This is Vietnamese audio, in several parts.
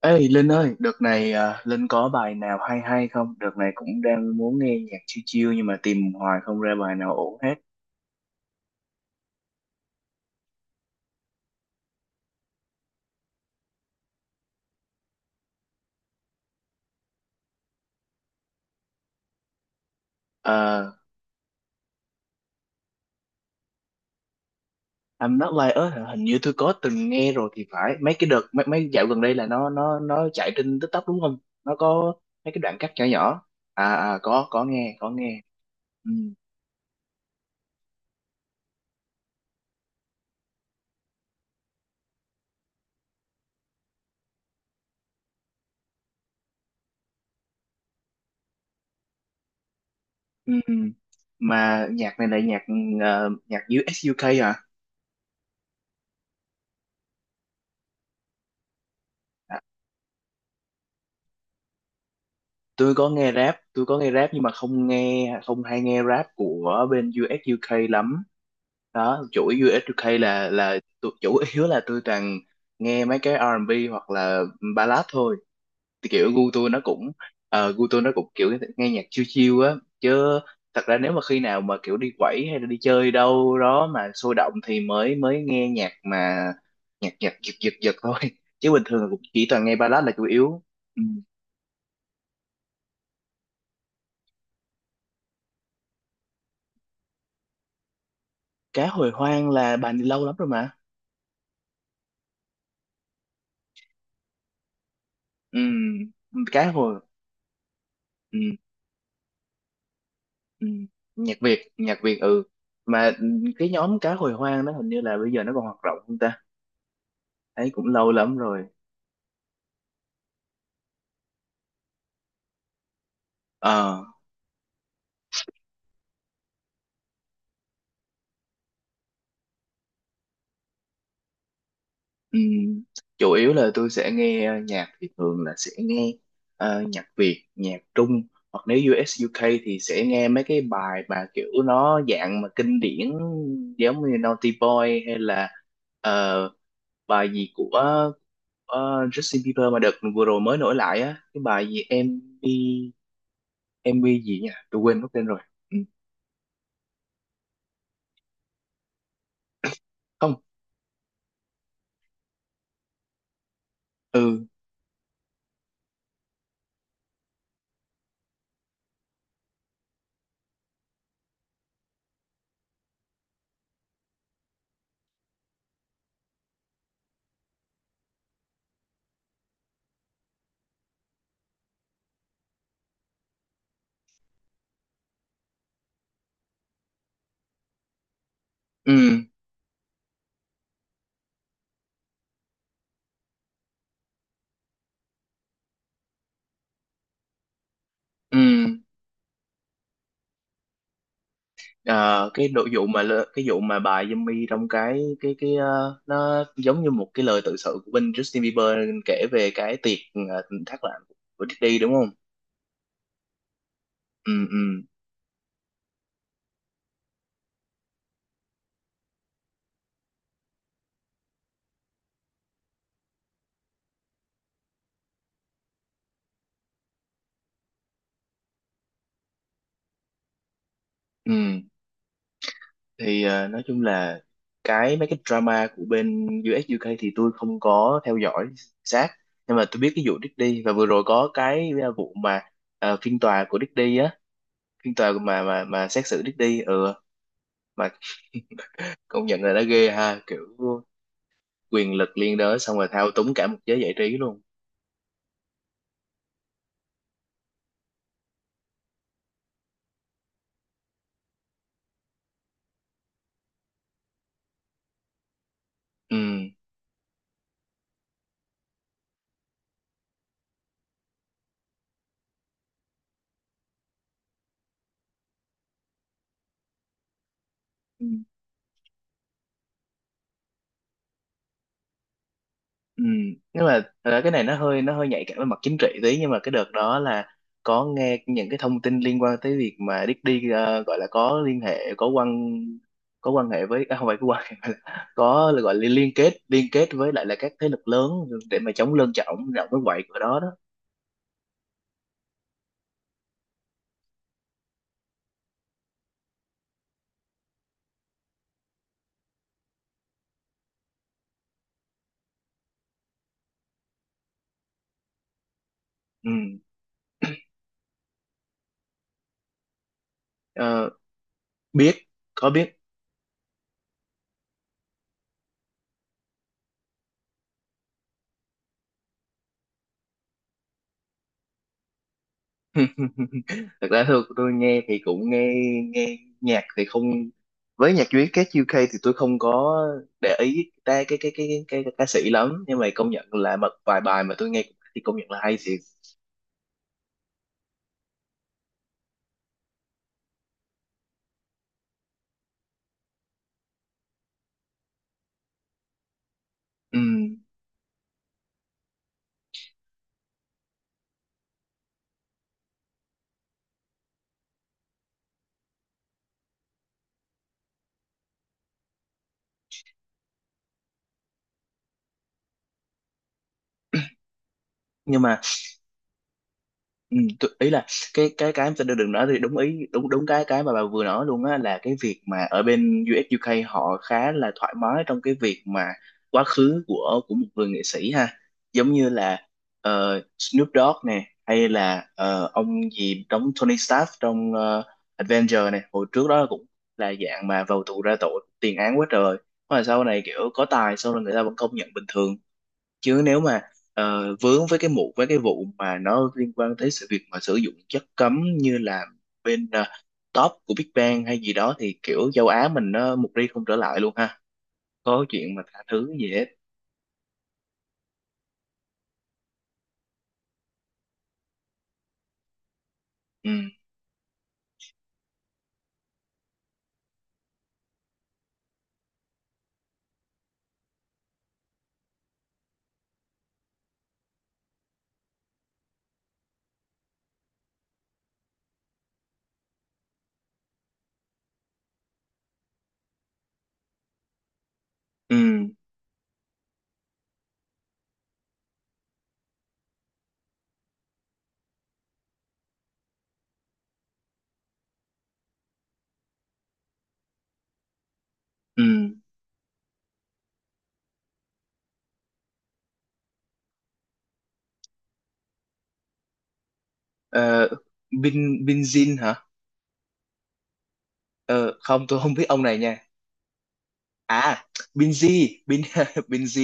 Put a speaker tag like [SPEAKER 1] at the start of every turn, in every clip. [SPEAKER 1] Ê Linh ơi, đợt này à, Linh có bài nào hay hay không? Đợt này cũng đang muốn nghe nhạc chill chill nhưng mà tìm hoài không ra bài nào ổn hết. Uh, I'm Not Like Us hả? Hình như tôi có từng nghe rồi thì phải. Mấy cái đợt mấy mấy dạo gần đây là nó chạy trên TikTok đúng không? Nó có mấy cái đoạn cắt nhỏ nhỏ. À, có nghe, có nghe. Ừ, ừ. Ừ. Mà nhạc này là nhạc US UK à? Tôi có nghe rap, tôi có nghe rap nhưng mà không hay nghe rap của bên US UK lắm đó. Chuỗi USUK chủ yếu là tôi toàn nghe mấy cái R&B hoặc là ballad thôi, thì kiểu gu tôi nó cũng gu tôi nó cũng kiểu nghe nhạc chill chill á, chứ thật ra nếu mà khi nào mà kiểu đi quẩy hay là đi chơi đâu đó mà sôi động thì mới mới nghe nhạc mà nhạc nhạc giật giật giật thôi. Chứ bình thường là cũng chỉ toàn nghe ballad là chủ yếu. Ừ. Cá hồi hoang là bà đi lâu lắm rồi mà. Ừ, cá hồi. Ừ. Ừ, nhạc Việt nhạc Việt, ừ, mà cái nhóm cá hồi hoang đó hình như là bây giờ nó còn hoạt động không ta? Thấy cũng lâu lắm rồi. Ờ. Ừ, chủ yếu là tôi sẽ nghe nhạc thì thường là sẽ nghe nhạc Việt, nhạc Trung, hoặc nếu US UK thì sẽ nghe mấy cái bài mà kiểu nó dạng mà kinh điển, giống như Naughty Boy hay là ờ, bài gì của Justin Bieber mà đợt vừa rồi mới nổi lại á, cái bài gì em đi. Em MV gì nhỉ, tôi quên mất tên rồi. Ừ, không. Ừ, ừ, ừ. Ờ, cái nội vụ mà cái vụ mà bài Yummy trong cái nó giống như một cái lời tự sự của bên Justin Bieber kể về cái tiệc thác loạn của Diddy đúng không? Ừ, ừ, ừ. Thì nói chung là mấy cái drama của bên US UK thì tôi không có theo dõi sát, nhưng mà tôi biết cái vụ Diddy và vừa rồi có cái vụ mà phiên tòa của Diddy á, phiên tòa mà xét xử Diddy. Ừ, mà công nhận là đã ghê ha, kiểu quyền lực liên đới, xong rồi thao túng cả một giới giải trí luôn. Ừ. Ừ. Ừ, nhưng mà thật ra cái này nó hơi nhạy cảm với mặt chính trị tí, nhưng mà cái đợt đó là có nghe những cái thông tin liên quan tới việc mà Diddy gọi là có liên hệ, có quan hệ với, à, không phải có quan hệ mà là có gọi là liên kết với lại là các thế lực lớn để mà chống lân cho ổng rộng cái quậy của đó đó. Ừ. Ờ, biết, có biết. Thật ra thôi tôi nghe thì cũng nghe, nghe nhạc thì không, với nhạc Việt các UK thì tôi không có để ý ta ca sĩ lắm, nhưng mà công nhận là một vài bài mà tôi nghe thì công nhận là hay thiệt. Ừ, nhưng mà, ừ, tôi, ý là cái em sẽ đưa đường đó thì đúng ý, đúng đúng cái mà bà vừa nói luôn á, là cái việc mà ở bên US UK họ khá là thoải mái trong cái việc mà quá khứ của một người nghệ sĩ ha, giống như là Snoop Dogg nè, hay là ông gì đóng Tony Stark trong Avenger này hồi trước đó, cũng là dạng mà vào tù ra tội, tiền án quá trời, mà sau này kiểu có tài, sau này người ta vẫn công nhận bình thường. Chứ nếu mà vướng với cái mụ với cái vụ mà nó liên quan tới sự việc mà sử dụng chất cấm như là bên top của Big Bang hay gì đó thì kiểu châu Á mình nó một đi không trở lại luôn ha, có chuyện mà tha thứ gì hết. Ừ, ừ, ừ. Ờ, Binzin hả? Ờ, không tôi không biết ông này nha. À, Binz. Bin Binz.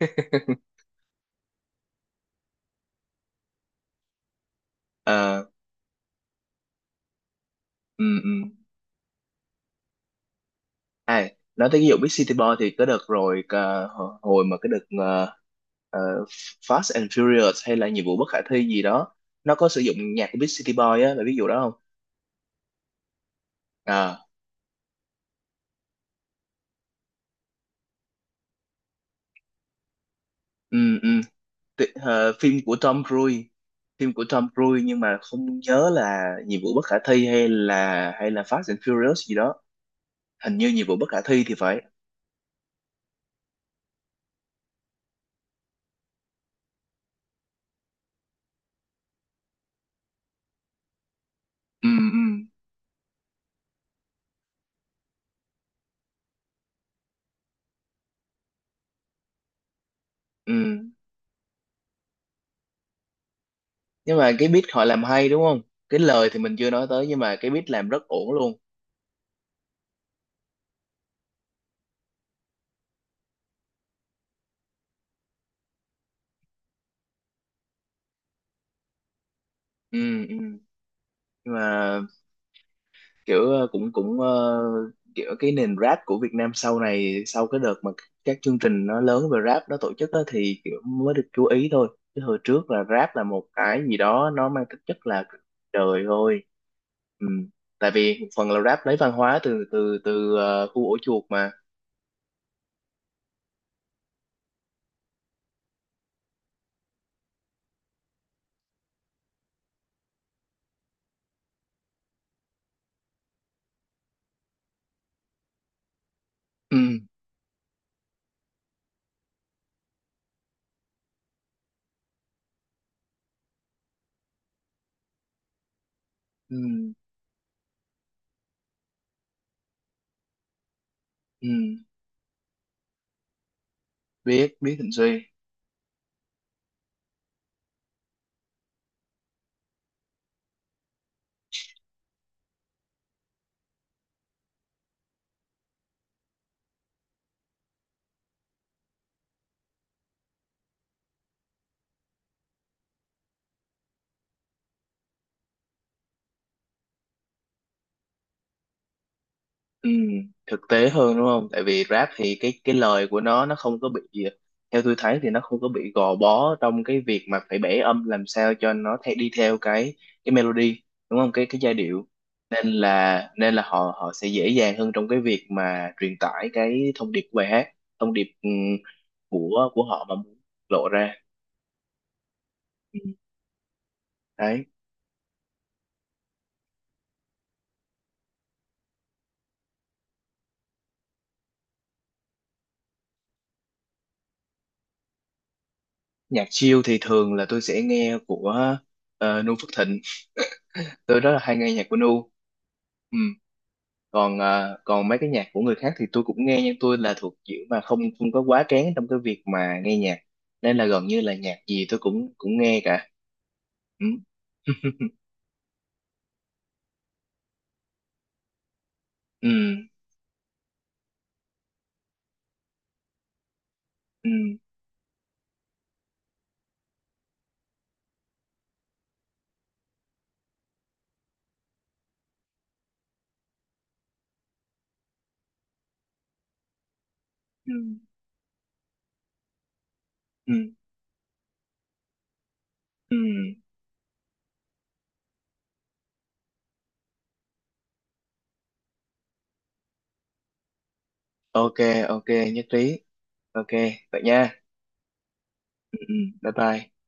[SPEAKER 1] Ờ. Ừ, ừ. À, nói tới ví dụ Big City Boy thì cái đợt rồi, ờ, hồi hồi mà cái đợt ờ, Fast and Furious hay là nhiệm vụ bất khả thi gì đó, nó có sử dụng nhạc của Big City Boy á, là ví dụ đó không? À, ừ, ừ. Phim của Tom Cruise, phim của Tom Cruise nhưng mà không nhớ là nhiệm vụ bất khả thi hay là Fast and Furious gì đó, hình như nhiệm vụ bất khả thi thì phải. Ừ, ừ, ừ. Nhưng mà cái beat họ làm hay đúng không? Cái lời thì mình chưa nói tới, nhưng mà cái beat làm rất ổn luôn. Ừ, ừ. Nhưng mà kiểu ờ, cũng cũng ờ, kiểu cái nền rap của Việt Nam sau này, sau cái đợt mà các chương trình nó lớn về rap nó tổ chức á, thì kiểu mới được chú ý thôi, chứ hồi trước là rap là một cái gì đó nó mang tính chất là đời thôi. Ừ. Tại vì một phần là rap lấy văn hóa từ từ từ khu ổ chuột mà. Ừ. Ừ. Ừ. Biết, biết Thịnh Suy. Ừ, thực tế hơn đúng không? Tại vì rap thì cái lời của nó không có bị, theo tôi thấy thì nó không có bị gò bó trong cái việc mà phải bẻ âm làm sao cho nó theo, đi theo cái melody đúng không? Cái giai điệu. Nên là họ họ sẽ dễ dàng hơn trong cái việc mà truyền tải cái thông điệp của bài hát, thông điệp, ừ, của họ mà muốn lộ ra. Đấy. Nhạc chill thì thường là tôi sẽ nghe của Nu Phước Thịnh. Tôi rất là hay nghe nhạc của Nu. Ừ. Còn còn mấy cái nhạc của người khác thì tôi cũng nghe, nhưng tôi là thuộc kiểu mà không không có quá kén trong cái việc mà nghe nhạc, nên là gần như là nhạc gì tôi cũng cũng nghe cả. Ừ. Ừ, ừ, ừ, ừ, ừ. Ok. Ok, nhất trí. Ok, vậy nha. Ừ, ừ. Bye bye.